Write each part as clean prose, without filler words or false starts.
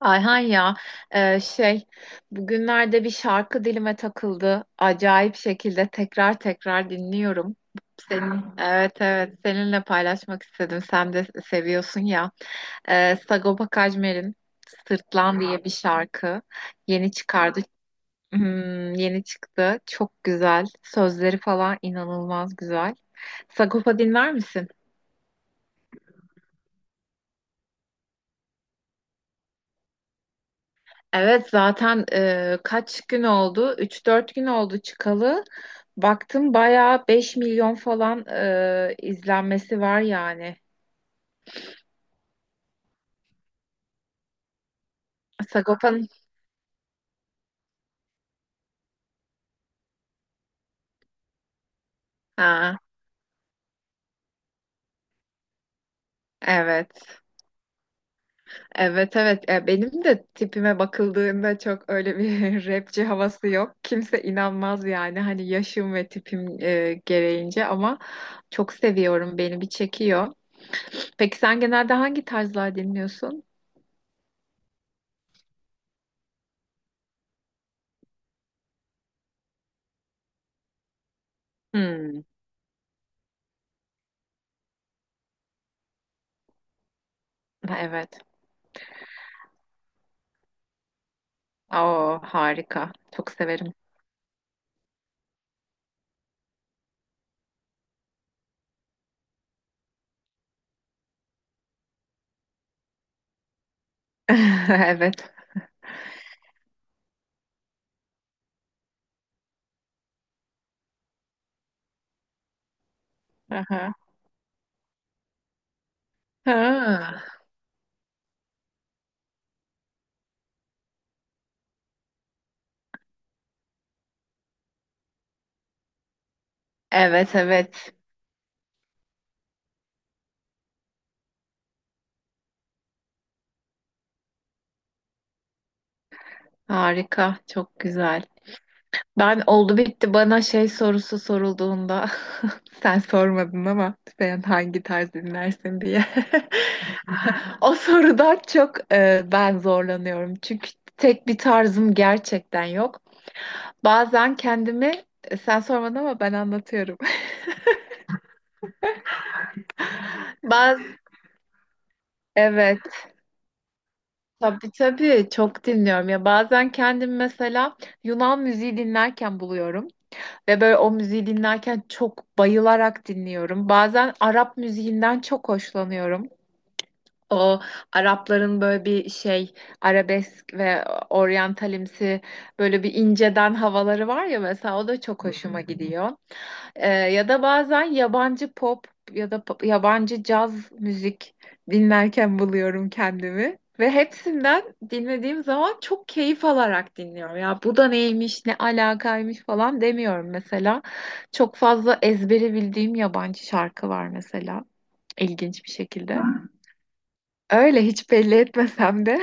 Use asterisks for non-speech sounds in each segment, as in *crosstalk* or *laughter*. Ayhan ya, e, şey bugünlerde bir şarkı dilime takıldı. Acayip şekilde tekrar dinliyorum. Senin, seninle paylaşmak istedim. Sen de seviyorsun ya. Sagopa Kajmer'in Sırtlan diye bir şarkı yeni çıkardı. Hmm, yeni çıktı. Çok güzel. Sözleri falan inanılmaz güzel. Sagopa dinler misin? Evet zaten, kaç gün oldu? Üç dört gün oldu çıkalı. Baktım bayağı 5 milyon falan izlenmesi var yani. Sagopa'nın. Ha, evet. Evet evet. Benim de tipime bakıldığında çok öyle bir *laughs* rapçi havası yok. Kimse inanmaz yani hani yaşım ve tipim gereğince ama çok seviyorum. Beni bir çekiyor. Peki sen genelde hangi tarzlar dinliyorsun? Hmm, evet. Oo, harika. Çok severim. *laughs* Evet. Aha. Ha. Evet evet. Harika. Çok güzel. Ben oldu bitti bana şey sorusu sorulduğunda *laughs* sen sormadın ama sen hangi tarz dinlersin diye. *laughs* O sorudan çok, ben zorlanıyorum. Çünkü tek bir tarzım gerçekten yok. Bazen kendimi, sen sormadın ama ben anlatıyorum. *laughs* Baz evet. Tabii tabii, çok dinliyorum ya, bazen kendim mesela Yunan müziği dinlerken buluyorum ve böyle o müziği dinlerken çok bayılarak dinliyorum. Bazen Arap müziğinden çok hoşlanıyorum. O Arapların böyle bir şey arabesk ve oryantalimsi, böyle bir inceden havaları var ya mesela, o da çok hoşuma gidiyor. Ya da bazen yabancı pop ya da yabancı caz müzik dinlerken buluyorum kendimi. Ve hepsinden dinlediğim zaman çok keyif alarak dinliyorum. Ya bu da neymiş, ne alakaymış falan demiyorum mesela. Çok fazla ezbere bildiğim yabancı şarkı var mesela. İlginç bir şekilde. Öyle hiç belli etmesem de.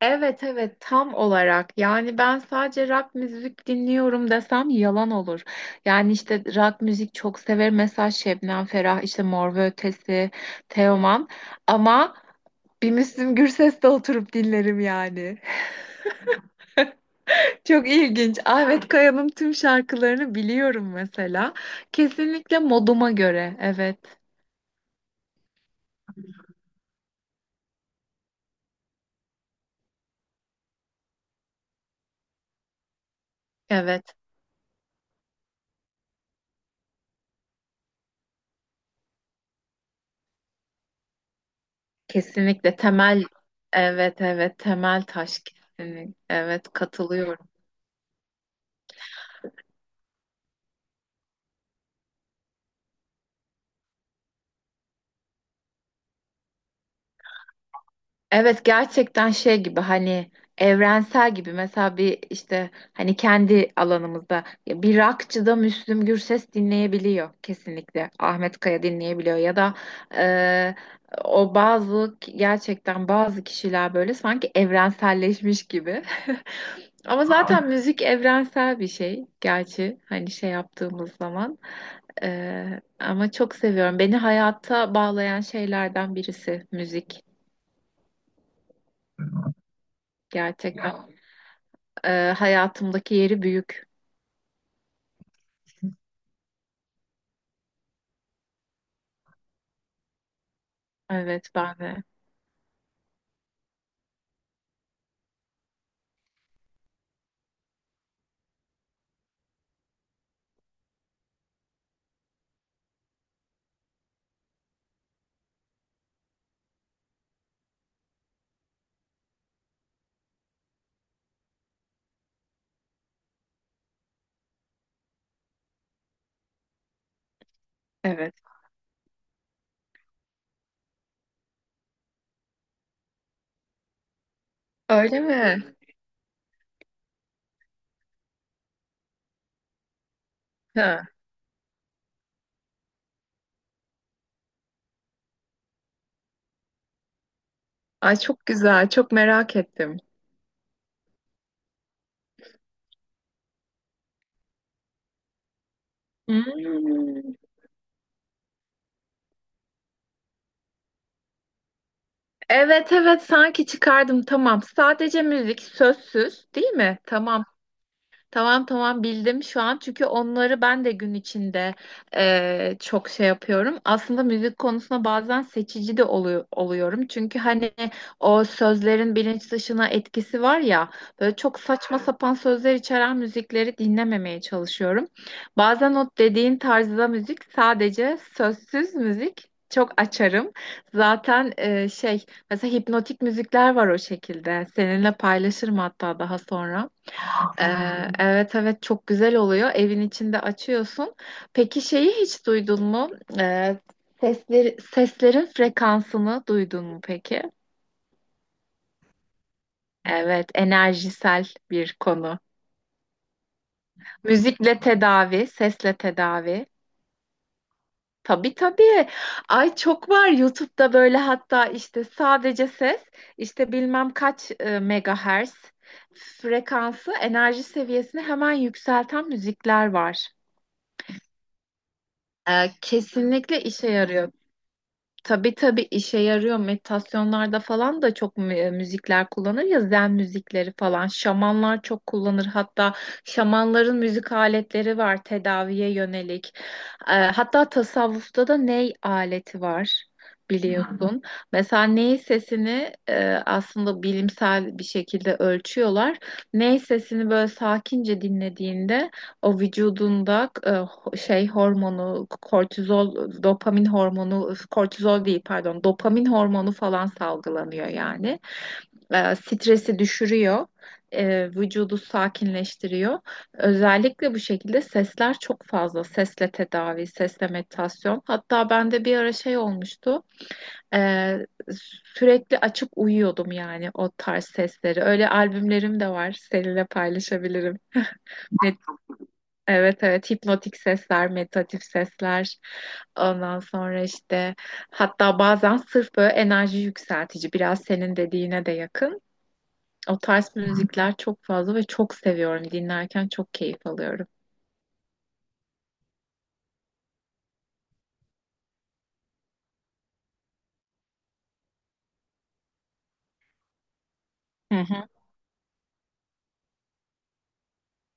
Evet evet, tam olarak yani, ben sadece rock müzik dinliyorum desem yalan olur. Yani işte rock müzik çok severim, mesela Şebnem Ferah, işte Mor ve Ötesi, Teoman, ama bir Müslüm Gürses'te oturup dinlerim yani. *laughs* Çok ilginç. Ahmet Kaya'nın tüm şarkılarını biliyorum mesela. Kesinlikle moduma göre, evet evet. Kesinlikle temel, evet evet, temel taş kesinlikle, evet, katılıyorum. Evet, gerçekten şey gibi, hani evrensel gibi mesela, bir işte hani kendi alanımızda ya, bir rockçıda Müslüm Gürses dinleyebiliyor, kesinlikle Ahmet Kaya dinleyebiliyor ya da e, o bazı gerçekten bazı kişiler böyle sanki evrenselleşmiş gibi *laughs* ama zaten müzik evrensel bir şey, gerçi hani şey yaptığımız zaman. Ama çok seviyorum. Beni hayata bağlayan şeylerden birisi müzik gerçekten. Hayatımdaki yeri büyük. Evet ben de. Evet. Öyle mi? Ha. Ay çok güzel. Çok merak ettim. Hmm. Evet evet, sanki çıkardım, tamam. Sadece müzik, sözsüz değil mi? Tamam. Tamam tamam, bildim şu an, çünkü onları ben de gün içinde çok şey yapıyorum. Aslında müzik konusunda bazen seçici de oluyorum. Çünkü hani o sözlerin bilinç dışına etkisi var ya, böyle çok saçma sapan sözler içeren müzikleri dinlememeye çalışıyorum. Bazen o dediğin tarzda müzik, sadece sözsüz müzik. Çok açarım. Zaten mesela hipnotik müzikler var o şekilde. Seninle paylaşırım hatta daha sonra. Aa, evet evet, çok güzel oluyor. Evin içinde açıyorsun. Peki şeyi hiç duydun mu? Ee, seslerin frekansını duydun mu peki? Evet, enerjisel bir konu. Müzikle tedavi, sesle tedavi. Tabii tabii. Ay çok var YouTube'da böyle, hatta işte sadece ses, işte bilmem kaç megahertz frekansı, enerji seviyesini hemen yükselten müzikler var. Kesinlikle işe yarıyor. Tabii tabii, işe yarıyor. Meditasyonlarda falan da çok müzikler kullanır ya, zen müzikleri falan. Şamanlar çok kullanır. Hatta şamanların müzik aletleri var tedaviye yönelik. Hatta tasavvufta da ney aleti var, biliyorsun. Mesela ney sesini aslında bilimsel bir şekilde ölçüyorlar. Ney sesini böyle sakince dinlediğinde o vücudunda hormonu, kortizol, dopamin hormonu, kortizol değil pardon, dopamin hormonu falan salgılanıyor yani. Stresi düşürüyor, vücudu sakinleştiriyor. Özellikle bu şekilde sesler çok fazla. Sesle tedavi, sesle meditasyon. Hatta bende bir ara şey olmuştu. E, sürekli açıp uyuyordum yani o tarz sesleri. Öyle albümlerim de var. Seninle paylaşabilirim. Ne Evet evet, hipnotik sesler, meditatif sesler. Ondan sonra işte, hatta bazen sırf böyle enerji yükseltici, biraz senin dediğine de yakın. O tarz müzikler çok fazla ve çok seviyorum. Dinlerken çok keyif alıyorum. Hı hı.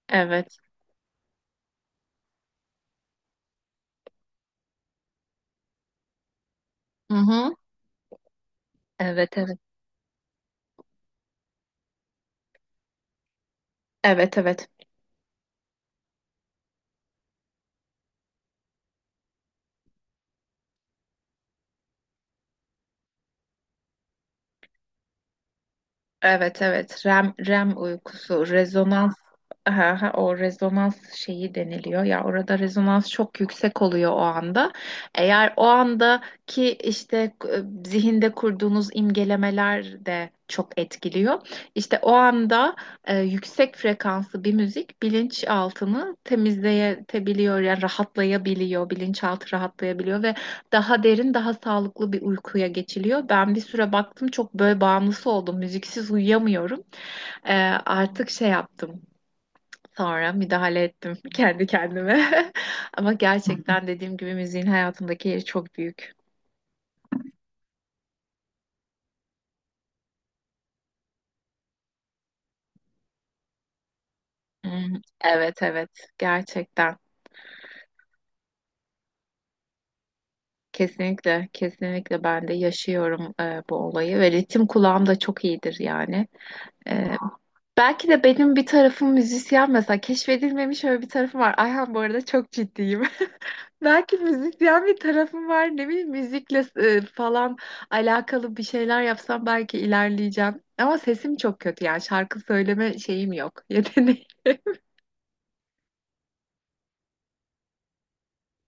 Evet. Hı hı. Evet evet. Evet evet. Evet evet, REM, uykusu rezonans. Aha, o rezonans şeyi deniliyor ya, orada rezonans çok yüksek oluyor o anda. Eğer o andaki işte e, zihinde kurduğunuz imgelemeler de çok etkiliyor. İşte o anda yüksek frekanslı bir müzik bilinçaltını temizleyebiliyor, yani rahatlayabiliyor, bilinçaltı rahatlayabiliyor ve daha derin, daha sağlıklı bir uykuya geçiliyor. Ben bir süre baktım, çok böyle bağımlısı oldum. Müziksiz uyuyamıyorum. Ee, artık şey yaptım. Sonra müdahale ettim *laughs* kendi kendime. *laughs* Ama gerçekten dediğim gibi müziğin hayatımdaki yeri çok büyük. Hmm, evet evet, gerçekten. Kesinlikle kesinlikle, ben de yaşıyorum bu olayı ve ritim kulağım da çok iyidir yani. E, belki de benim bir tarafım müzisyen mesela, keşfedilmemiş öyle bir tarafım var. Ayhan bu arada çok ciddiyim. Belki müzikten bir tarafım var. Ne bileyim, müzikle falan alakalı bir şeyler yapsam belki ilerleyeceğim. Ama sesim çok kötü, yani şarkı söyleme şeyim yok. *laughs* Yeteneğim.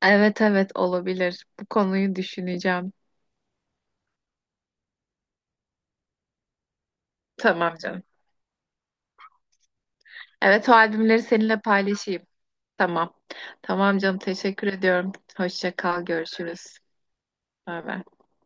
Evet evet, olabilir. Bu konuyu düşüneceğim. Tamam canım. Evet, o albümleri seninle paylaşayım. Tamam. Tamam canım, teşekkür ediyorum. Hoşça kal, görüşürüz. Bay bay.